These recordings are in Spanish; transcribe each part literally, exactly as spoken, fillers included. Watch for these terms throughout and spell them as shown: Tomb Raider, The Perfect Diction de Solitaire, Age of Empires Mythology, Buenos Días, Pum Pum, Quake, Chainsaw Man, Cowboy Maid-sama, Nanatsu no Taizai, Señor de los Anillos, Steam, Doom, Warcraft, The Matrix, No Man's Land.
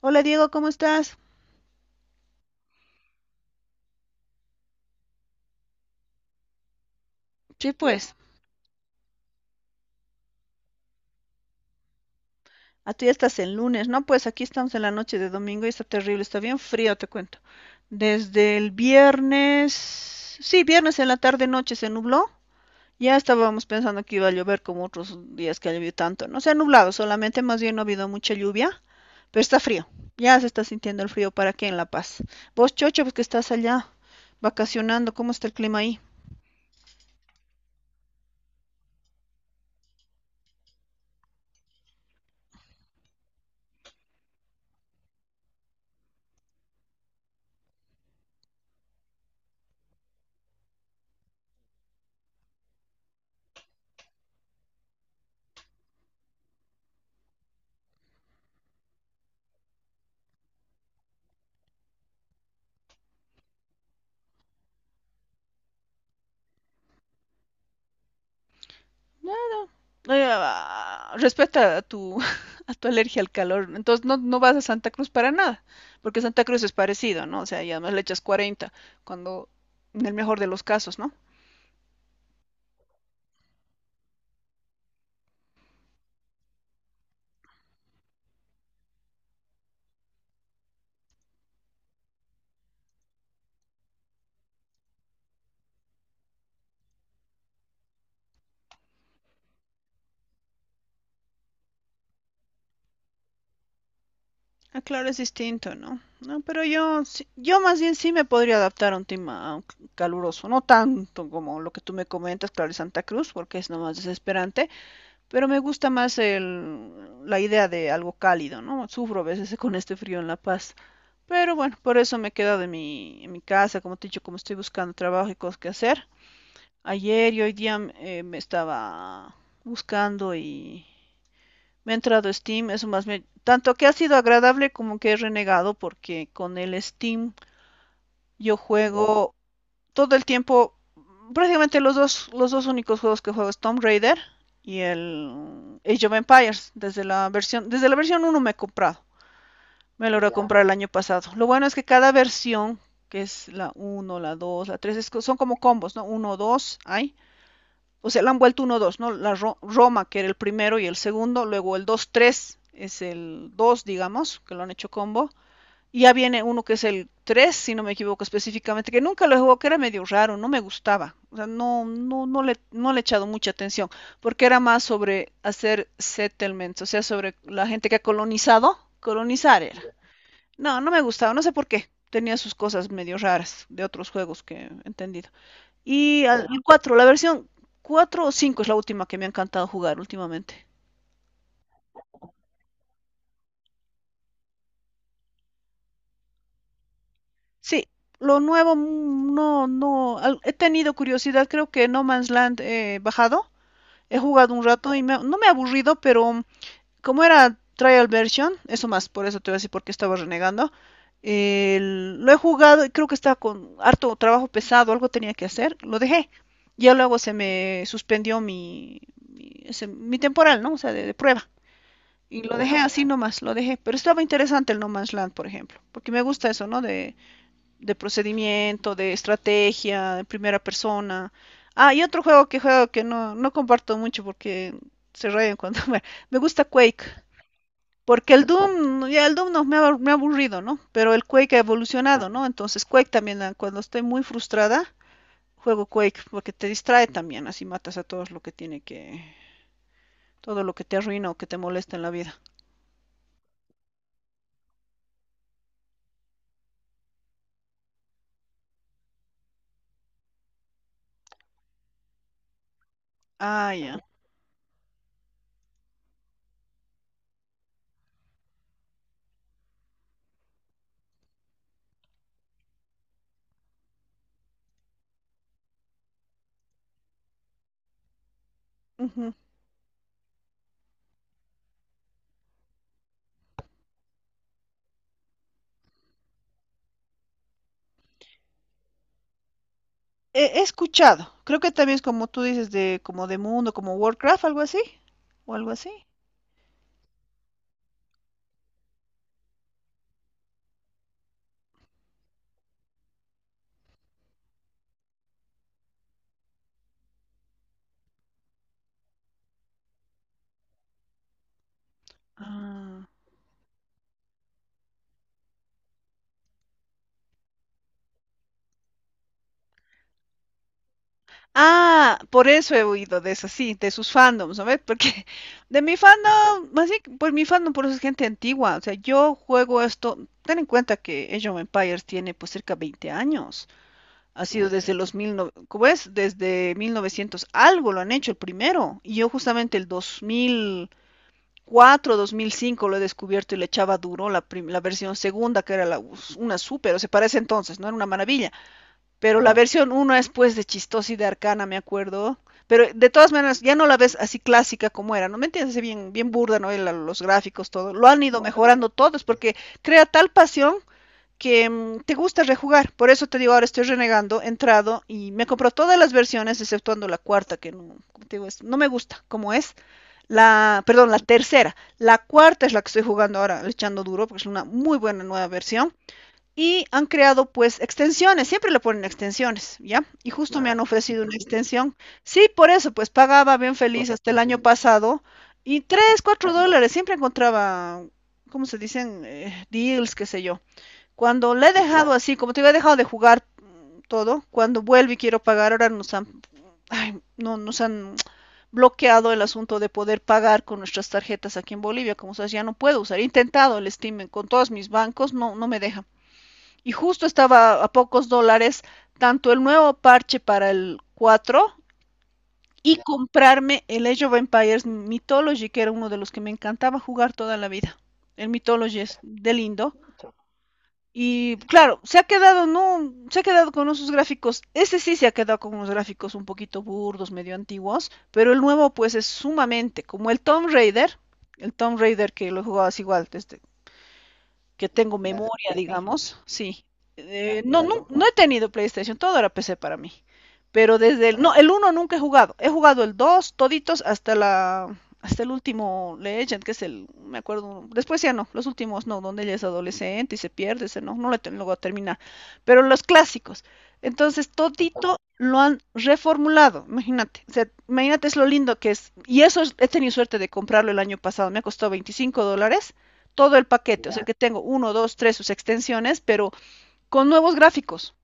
Hola Diego, ¿cómo estás? Sí, pues, a ti ya estás en lunes, ¿no? Pues aquí estamos en la noche de domingo y está terrible, está bien frío, te cuento. Desde el viernes, sí, viernes en la tarde noche se nubló. Ya estábamos pensando que iba a llover como otros días que ha llovido tanto. No se ha nublado, solamente más bien no ha habido mucha lluvia, pero está frío. Ya se está sintiendo el frío para aquí en La Paz. Vos, Chocho, pues que estás allá vacacionando, ¿cómo está el clima ahí? Ah, respeta a tu, a tu alergia al calor. Entonces no, no vas a Santa Cruz para nada, porque Santa Cruz es parecido, ¿no? O sea, y además le echas cuarenta, cuando en el mejor de los casos, ¿no? Ah, claro, es distinto, ¿no? No, pero yo, sí- yo más bien sí me podría adaptar a un clima caluroso, no tanto como lo que tú me comentas, claro, en Santa Cruz, porque es nomás desesperante. Pero me gusta más el, la idea de algo cálido, ¿no? Sufro a veces con este frío en La Paz. Pero bueno, por eso me he quedado en mi, en mi casa, como te he dicho, como estoy buscando trabajo y cosas que hacer. Ayer y hoy día eh, me estaba buscando y me ha entrado Steam, eso más me... Tanto que ha sido agradable como que he renegado porque con el Steam yo juego todo el tiempo, prácticamente los dos, los dos únicos juegos que juego es Tomb Raider y el Age of Empires, desde la versión, desde la versión uno me he comprado, me logré comprar el año pasado. Lo bueno es que cada versión, que es la uno, la dos, la tres, son como combos, ¿no? Uno dos, hay. O sea, la han vuelto uno dos, ¿no? La Ro Roma, que era el primero y el segundo, luego el dos tres es el dos, digamos, que lo han hecho combo, ya viene uno que es el tres si no me equivoco específicamente, que nunca lo jugó, que era medio raro, no me gustaba, o sea, no, no, no, le, no le he echado mucha atención, porque era más sobre hacer settlements, o sea, sobre la gente que ha colonizado, colonizar era. No, no me gustaba, no sé por qué, tenía sus cosas medio raras de otros juegos que he entendido. Y al- el cuatro la versión cuatro o cinco es la última que me ha encantado jugar últimamente. Sí, lo nuevo mm, no, no, al- he tenido curiosidad, creo que No Man's Land he bajado, he jugado un rato y me- no me ha aburrido, pero como era trial version, eso más, por eso te voy a decir por qué estaba renegando, el- lo he jugado y creo que estaba con harto trabajo pesado, algo tenía que hacer, lo dejé. Ya luego se me suspendió mi, mi, ese- mi temporal, ¿no? O sea, de, de prueba. Y lo dejé así nomás, lo dejé. Pero estaba interesante el No Man's Land, por ejemplo, porque me gusta eso, ¿no? De de procedimiento, de estrategia, de primera persona. Ah, y otro juego que juego que no, no comparto mucho porque se rayan cuando me, me gusta Quake. Porque el Doom, ya el Doom no, me, ha, me ha aburrido, ¿no? Pero el Quake ha evolucionado, ¿no? Entonces Quake también, ah, cuando estoy muy frustrada, juego Quake porque te distrae también, así matas a todos lo que tiene que, todo lo que te arruina o que te molesta en la vida. Ah, ya. Ujú. He, he escuchado, creo que también es como tú dices de como de mundo, como Warcraft, algo así, o algo así. Ah. Ah, por eso he oído de esas, sí, de sus fandoms, ¿no ves? Porque de mi fandom, así, que, pues mi fandom por eso es gente antigua, o sea, yo juego esto, ten en cuenta que Age of Empires tiene pues cerca veinte años, ha sido desde los mil, no- ¿cómo es? Desde mil novecientos algo lo han hecho el primero, y yo justamente el dos mil cuatro, dos mil cinco lo he descubierto y le echaba duro la, prim- la versión segunda, que era la, us- una super, o sea, para ese entonces, ¿no? Era una maravilla. Pero la versión uno es pues de chistosa y de arcana, me acuerdo. Pero de todas maneras, ya no la ves así clásica como era, ¿no? ¿Me entiendes? Bien, bien burda, ¿no? El- los gráficos, todo. Lo han ido mejorando todos porque crea tal pasión que mm, te gusta rejugar. Por eso te digo, ahora estoy renegando, he entrado y me compró todas las versiones, exceptuando la cuarta, que no, como te digo, es- no me gusta como es. La, perdón, la tercera. La cuarta es la que estoy jugando ahora, echando duro, porque es una muy buena nueva versión. Y han creado pues extensiones, siempre le ponen extensiones, ¿ya? Y justo me han ofrecido una extensión. Sí, por eso, pues pagaba bien feliz hasta el año pasado y tres, cuatro dólares, siempre encontraba, ¿cómo se dicen? Eh, deals, qué sé yo. Cuando le he dejado así, como te digo, he dejado de jugar mm, todo, cuando vuelvo y quiero pagar, ahora nos han, ay, no, nos han bloqueado el asunto de poder pagar con nuestras tarjetas aquí en Bolivia, como sabes, ya no puedo usar. He intentado el Steam con todos mis bancos, no, no me deja. Y justo estaba a pocos dólares tanto el nuevo parche para el cuatro y comprarme el Age of Empires Mythology, que era uno de los que me encantaba jugar toda la vida. El Mythology es de lindo. Y claro, se ha quedado, no, se ha quedado con esos gráficos. Ese sí se ha quedado con unos gráficos un poquito burdos, medio antiguos, pero el nuevo pues es sumamente como el Tomb Raider, el Tomb Raider que lo jugabas igual este, que tengo memoria, digamos, sí. Eh, no, no, no he tenido PlayStation, todo era P C para mí. Pero desde el, no, el uno nunca he jugado. He jugado el dos toditos, hasta la, hasta el último Legend, que es el, me acuerdo, después ya no, los últimos no, donde ella es adolescente y se pierde, ese no, no lo, lo voy a terminar. Pero los clásicos. Entonces, todito lo han reformulado, imagínate. O sea, imagínate es lo lindo que es. Y eso es, he tenido suerte de comprarlo el año pasado, me costó veinticinco dólares todo el paquete, o sea que tengo uno, dos, tres sus extensiones, pero con nuevos gráficos.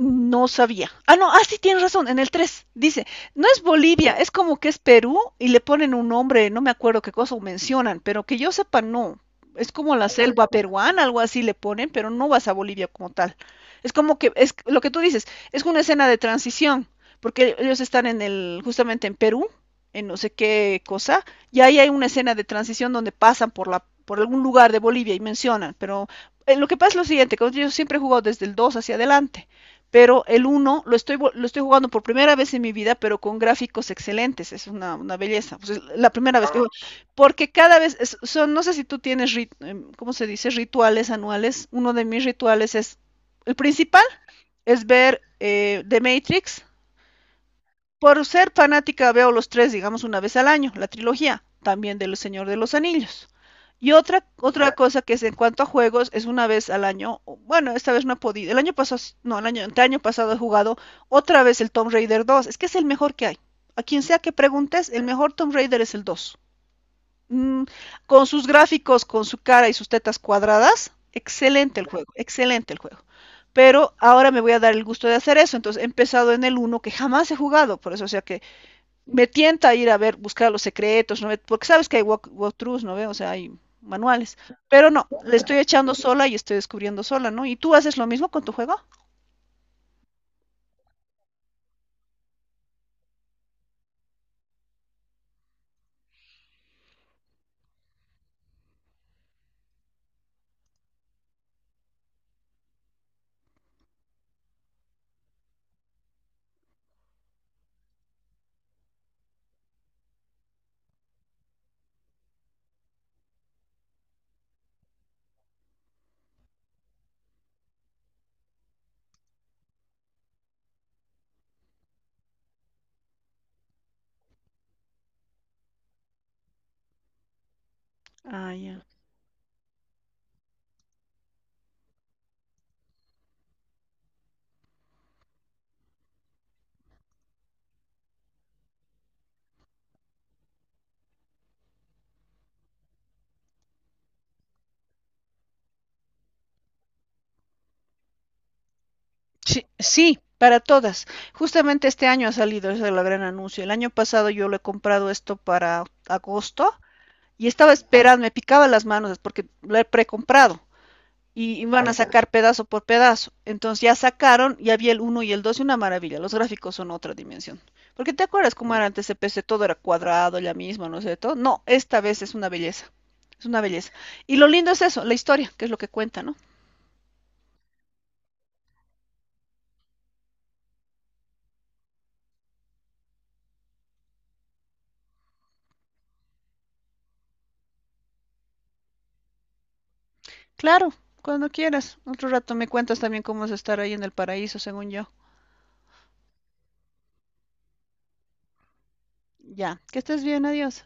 No sabía. Ah, no, ah, sí, tienes razón, en el tres dice, no es Bolivia, es como que es Perú y le ponen un nombre, no me acuerdo qué cosa mencionan, pero que yo sepa, no. Es como la selva peruana, algo así le ponen, pero no vas a Bolivia como tal. Es como que, es lo que tú dices, es una escena de transición, porque ellos están en el, justamente en Perú, en no sé qué cosa, y ahí hay una escena de transición donde pasan por la, por algún lugar de Bolivia y mencionan, pero eh, lo que pasa es lo siguiente, que yo siempre he jugado desde el dos hacia adelante pero el uno lo estoy, lo estoy jugando por primera vez en mi vida, pero con gráficos excelentes, es una, una belleza, pues es la primera vez que juego, porque cada vez, es, son, no sé si tú tienes, rit, eh, ¿cómo se dice? Rituales anuales, uno de mis rituales es, el principal es ver eh, The Matrix, por ser fanática veo los tres, digamos, una vez al año, la trilogía, también del Señor de los Anillos. Y otra, otra cosa que es en cuanto a juegos, es una vez al año, o- bueno, esta vez no he podido, el año pasado, no, el año, el año pasado he jugado otra vez el Tomb Raider dos. Es que es el mejor que hay. A quien sea que preguntes, el mejor Tomb Raider es el dos. Mm, con sus gráficos, con su cara y sus tetas cuadradas, excelente el juego, excelente el juego. Pero ahora me voy a dar el gusto de hacer eso, entonces he empezado en el uno que jamás he jugado, por eso o sea que me tienta a ir a ver, buscar los secretos, ¿no? Porque sabes que hay walk, walkthroughs, ¿no? ¿Ve? O sea, hay manuales. Pero no, le estoy echando sola y estoy descubriendo sola, ¿no? ¿Y tú haces lo mismo con tu juego? Ah, ya. Yeah. Sí, sí, para todas. Justamente este año ha salido, ese es el gran anuncio. El año pasado yo lo he comprado esto para agosto y estaba esperando, me picaba las manos porque lo he precomprado, y van a sacar pedazo por pedazo. Entonces ya sacaron, ya vi el uno y el dos y una maravilla. Los gráficos son otra dimensión. Porque te acuerdas cómo era antes el P C, todo era cuadrado, ya mismo, no sé, todo. No, esta vez es una belleza. Es una belleza. Y lo lindo es eso, la historia, que es lo que cuenta, ¿no? Claro, cuando quieras. Otro rato me cuentas también cómo es estar ahí en el paraíso, según yo. Ya, que estés bien, adiós.